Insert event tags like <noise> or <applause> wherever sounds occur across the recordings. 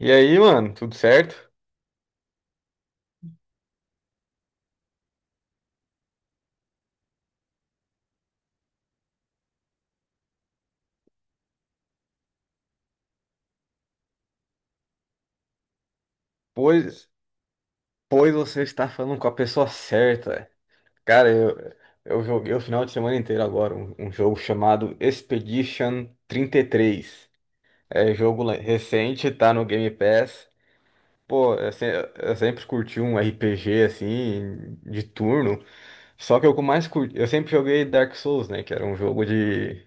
E aí, mano, tudo certo? Pois, pois você está falando com a pessoa certa. Cara, eu joguei o final de semana inteiro agora um jogo chamado Expedition 33. É jogo recente, tá no Game Pass. Pô, eu, se- Eu sempre curti um RPG assim, de turno. Só que o que eu mais curti, eu sempre joguei Dark Souls, né? Que era um jogo de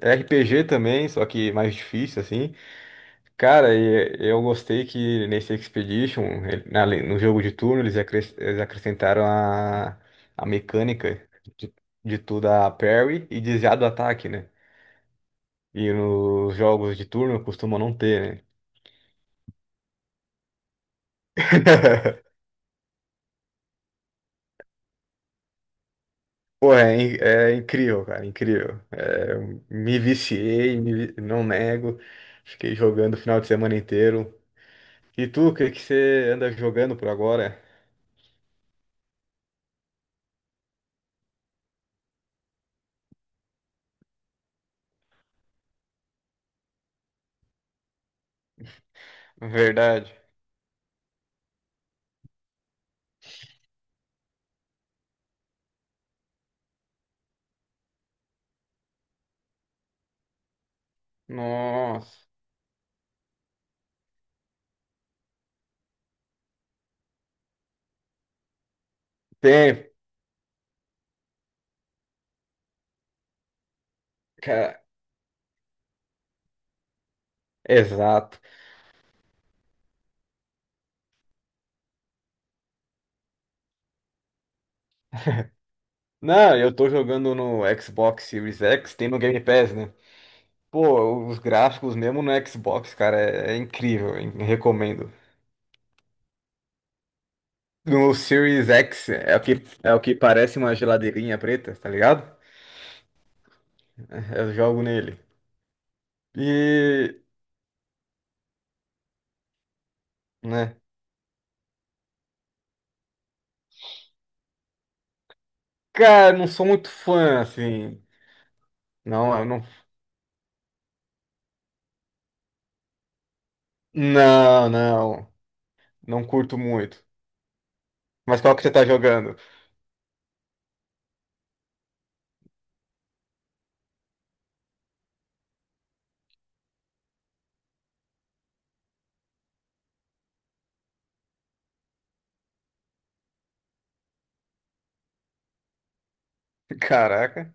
RPG também, só que mais difícil, assim. Cara, e eu gostei que nesse Expedition, no jogo de turno, eles acrescentaram a mecânica de, de tu dar parry e desviar do ataque, né? E nos jogos de turno costuma não ter, né? <laughs> Pô, é, é incrível, cara, incrível. É, me viciei, me vi- não nego. Fiquei jogando o final de semana inteiro. E tu, o que que você anda jogando por agora? Verdade. Nossa. Tem, cara. Exato. Não, eu tô jogando no Xbox Series X, tem no Game Pass, né? Pô, os gráficos mesmo no Xbox, cara, é incrível, hein? Recomendo. No Series X é o que parece uma geladeirinha preta, tá ligado? É, eu jogo nele. E, né? Cara, não sou muito fã, assim. Não, eu não. Não, não. Não curto muito. Mas qual que você tá jogando? <laughs> Caraca,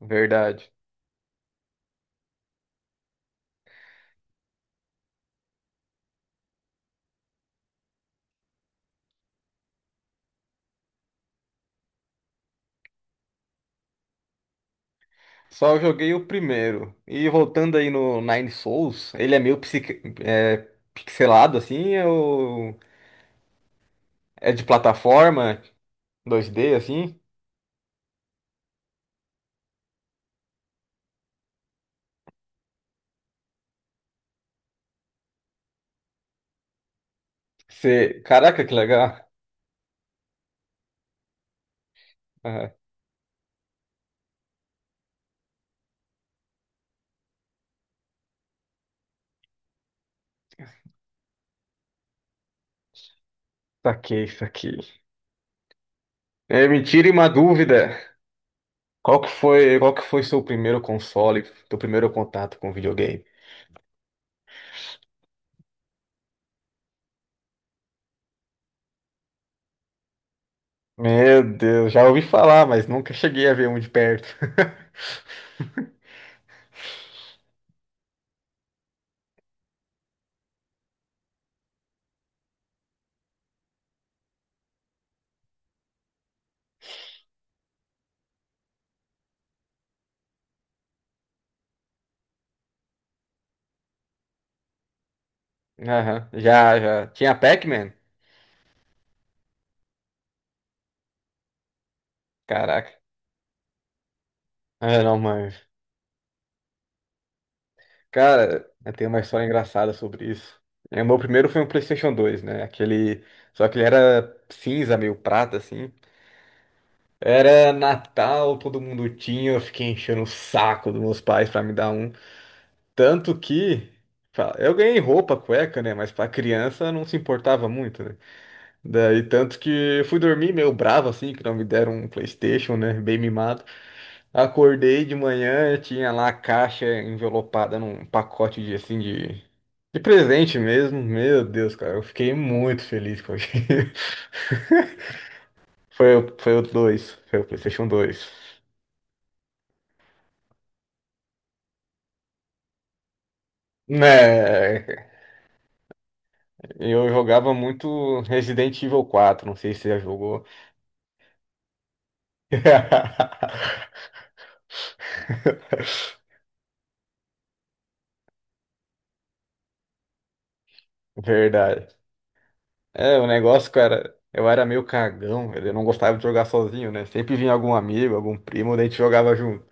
verdade. Só joguei o primeiro. E voltando aí no Nine Souls, ele é meio pixelado assim, é de plataforma 2D assim. Você... Caraca, que legal. Ah, saquei isso aqui. É, me tire uma dúvida. Qual que foi seu primeiro console, seu primeiro contato com videogame? Meu Deus, já ouvi falar, mas nunca cheguei a ver um de perto. <laughs> Aham, já. Tinha Pac-Man? Caraca. Ah, não, mano. Cara, eu tenho uma história engraçada sobre isso. O meu primeiro foi um PlayStation 2, né? Aquele. Só que ele era cinza, meio prata, assim. Era Natal, todo mundo tinha, eu fiquei enchendo o saco dos meus pais pra me dar um. Tanto que. Eu ganhei roupa, cueca, né? Mas pra criança não se importava muito, né? Daí tanto que eu fui dormir meio bravo, assim, que não me deram um PlayStation, né? Bem mimado. Acordei de manhã, eu tinha lá a caixa envelopada num pacote de de presente mesmo. Meu Deus, cara, eu fiquei muito feliz com aquilo. <laughs> Foi o dois. Foi o PlayStation 2. Né, eu jogava muito Resident Evil 4. Não sei se você já jogou. <laughs> Verdade. É, o negócio, cara, eu era meio cagão, velho, eu não gostava de jogar sozinho, né? Sempre vinha algum amigo, algum primo, daí a gente jogava junto.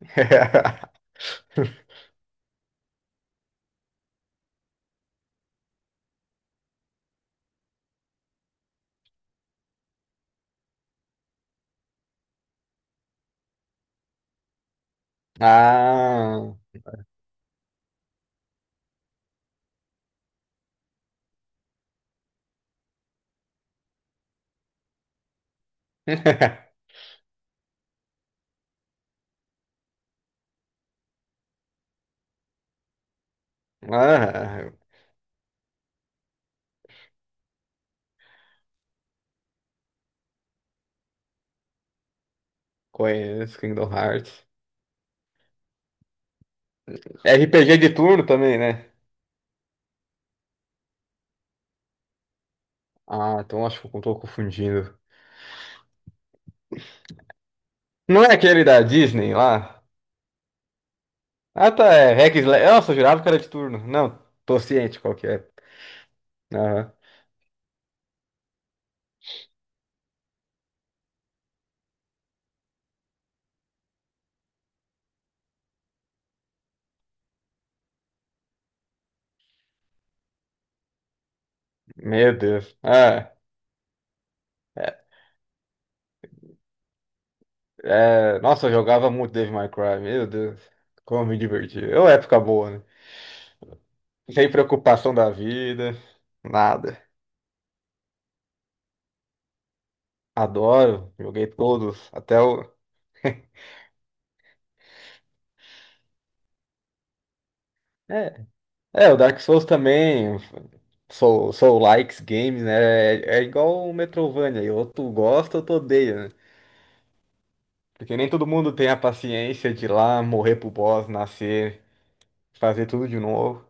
<laughs> Ah. <laughs> Ah, conheço Kingdom Hearts. É RPG de turno também, né? Ah, então acho que eu tô confundindo. Não é aquele da Disney lá? Ah, tá, é Hack and Slash. Nossa, eu jurava que era de turno. Não, tô ciente qual que é. Aham. Meu Deus. É, Nossa, eu jogava muito Devil May Cry. Meu Deus, como me diverti. É uma época boa, né? Sem preocupação da vida, nada. Adoro, joguei todos, até o... <laughs> É, o Dark Souls também, Soul Likes Games, né? É, é igual o Metrovania, ou tu gosta ou tu odeia, né? Porque nem todo mundo tem a paciência de ir lá morrer pro boss, nascer, fazer tudo de novo.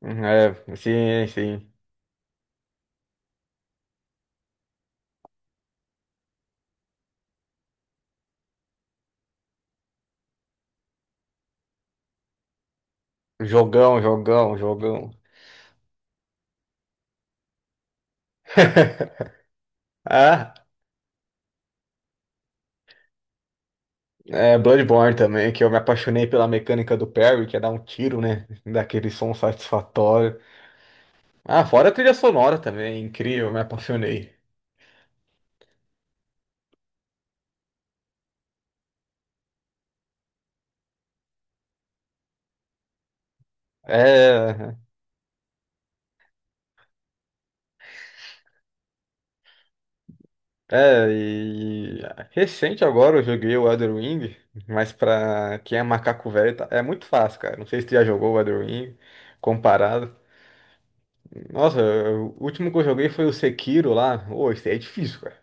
Uhum, sim, sim. Jogão, jogão, jogão. <laughs> Ah, é Bloodborne também, que eu me apaixonei pela mecânica do parry, que é dar um tiro, né? Daquele som satisfatório. Ah, fora a trilha sonora também, incrível, me apaixonei. É, e recente agora eu joguei o Elden Ring, mas pra quem é macaco velho é muito fácil, cara. Não sei se tu já jogou o Elden Ring comparado. Nossa, o último que eu joguei foi o Sekiro lá. Ô, esse aí é difícil, cara.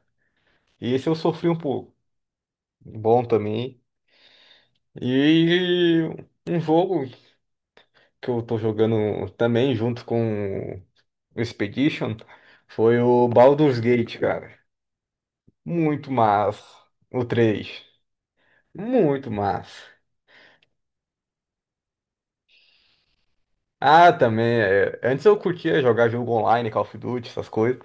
E esse eu sofri um pouco. Bom também. E um jogo que eu tô jogando também junto com o Expedition foi o Baldur's Gate, cara. Muito massa. O 3, muito massa. Ah, também. É. Antes eu curtia jogar jogo online, Call of Duty, essas coisas.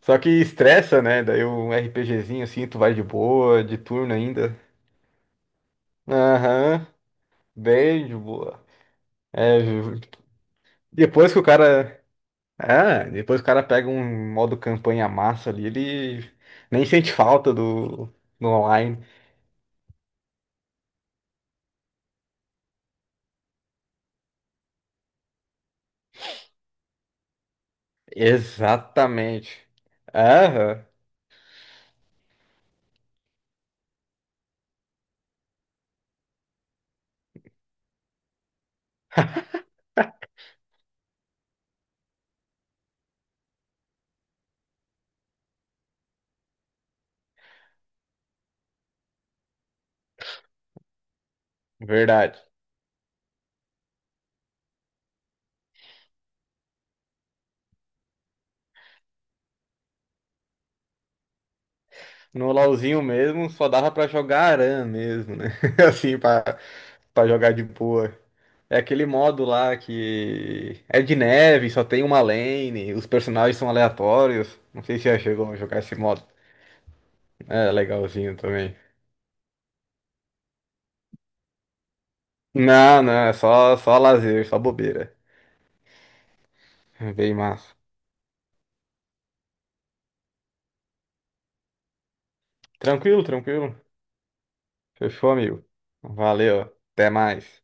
Só que estressa, né? Daí um RPGzinho assim, tu vai de boa, de turno ainda. Aham, bem de boa. É, ju- depois que o cara. Ah, depois que o cara pega um modo campanha massa ali, ele nem sente falta do online. Exatamente. Aham, verdade. No LoLzinho mesmo, só dava pra jogar aran mesmo, né? <laughs> Assim, pra, pra jogar de boa. É aquele modo lá que é de neve, só tem uma lane, os personagens são aleatórios. Não sei se já chegou a jogar esse modo. É legalzinho também. Não, não, é só lazer, só bobeira. Bem massa. Tranquilo, tranquilo. Fechou, amigo. Valeu, até mais.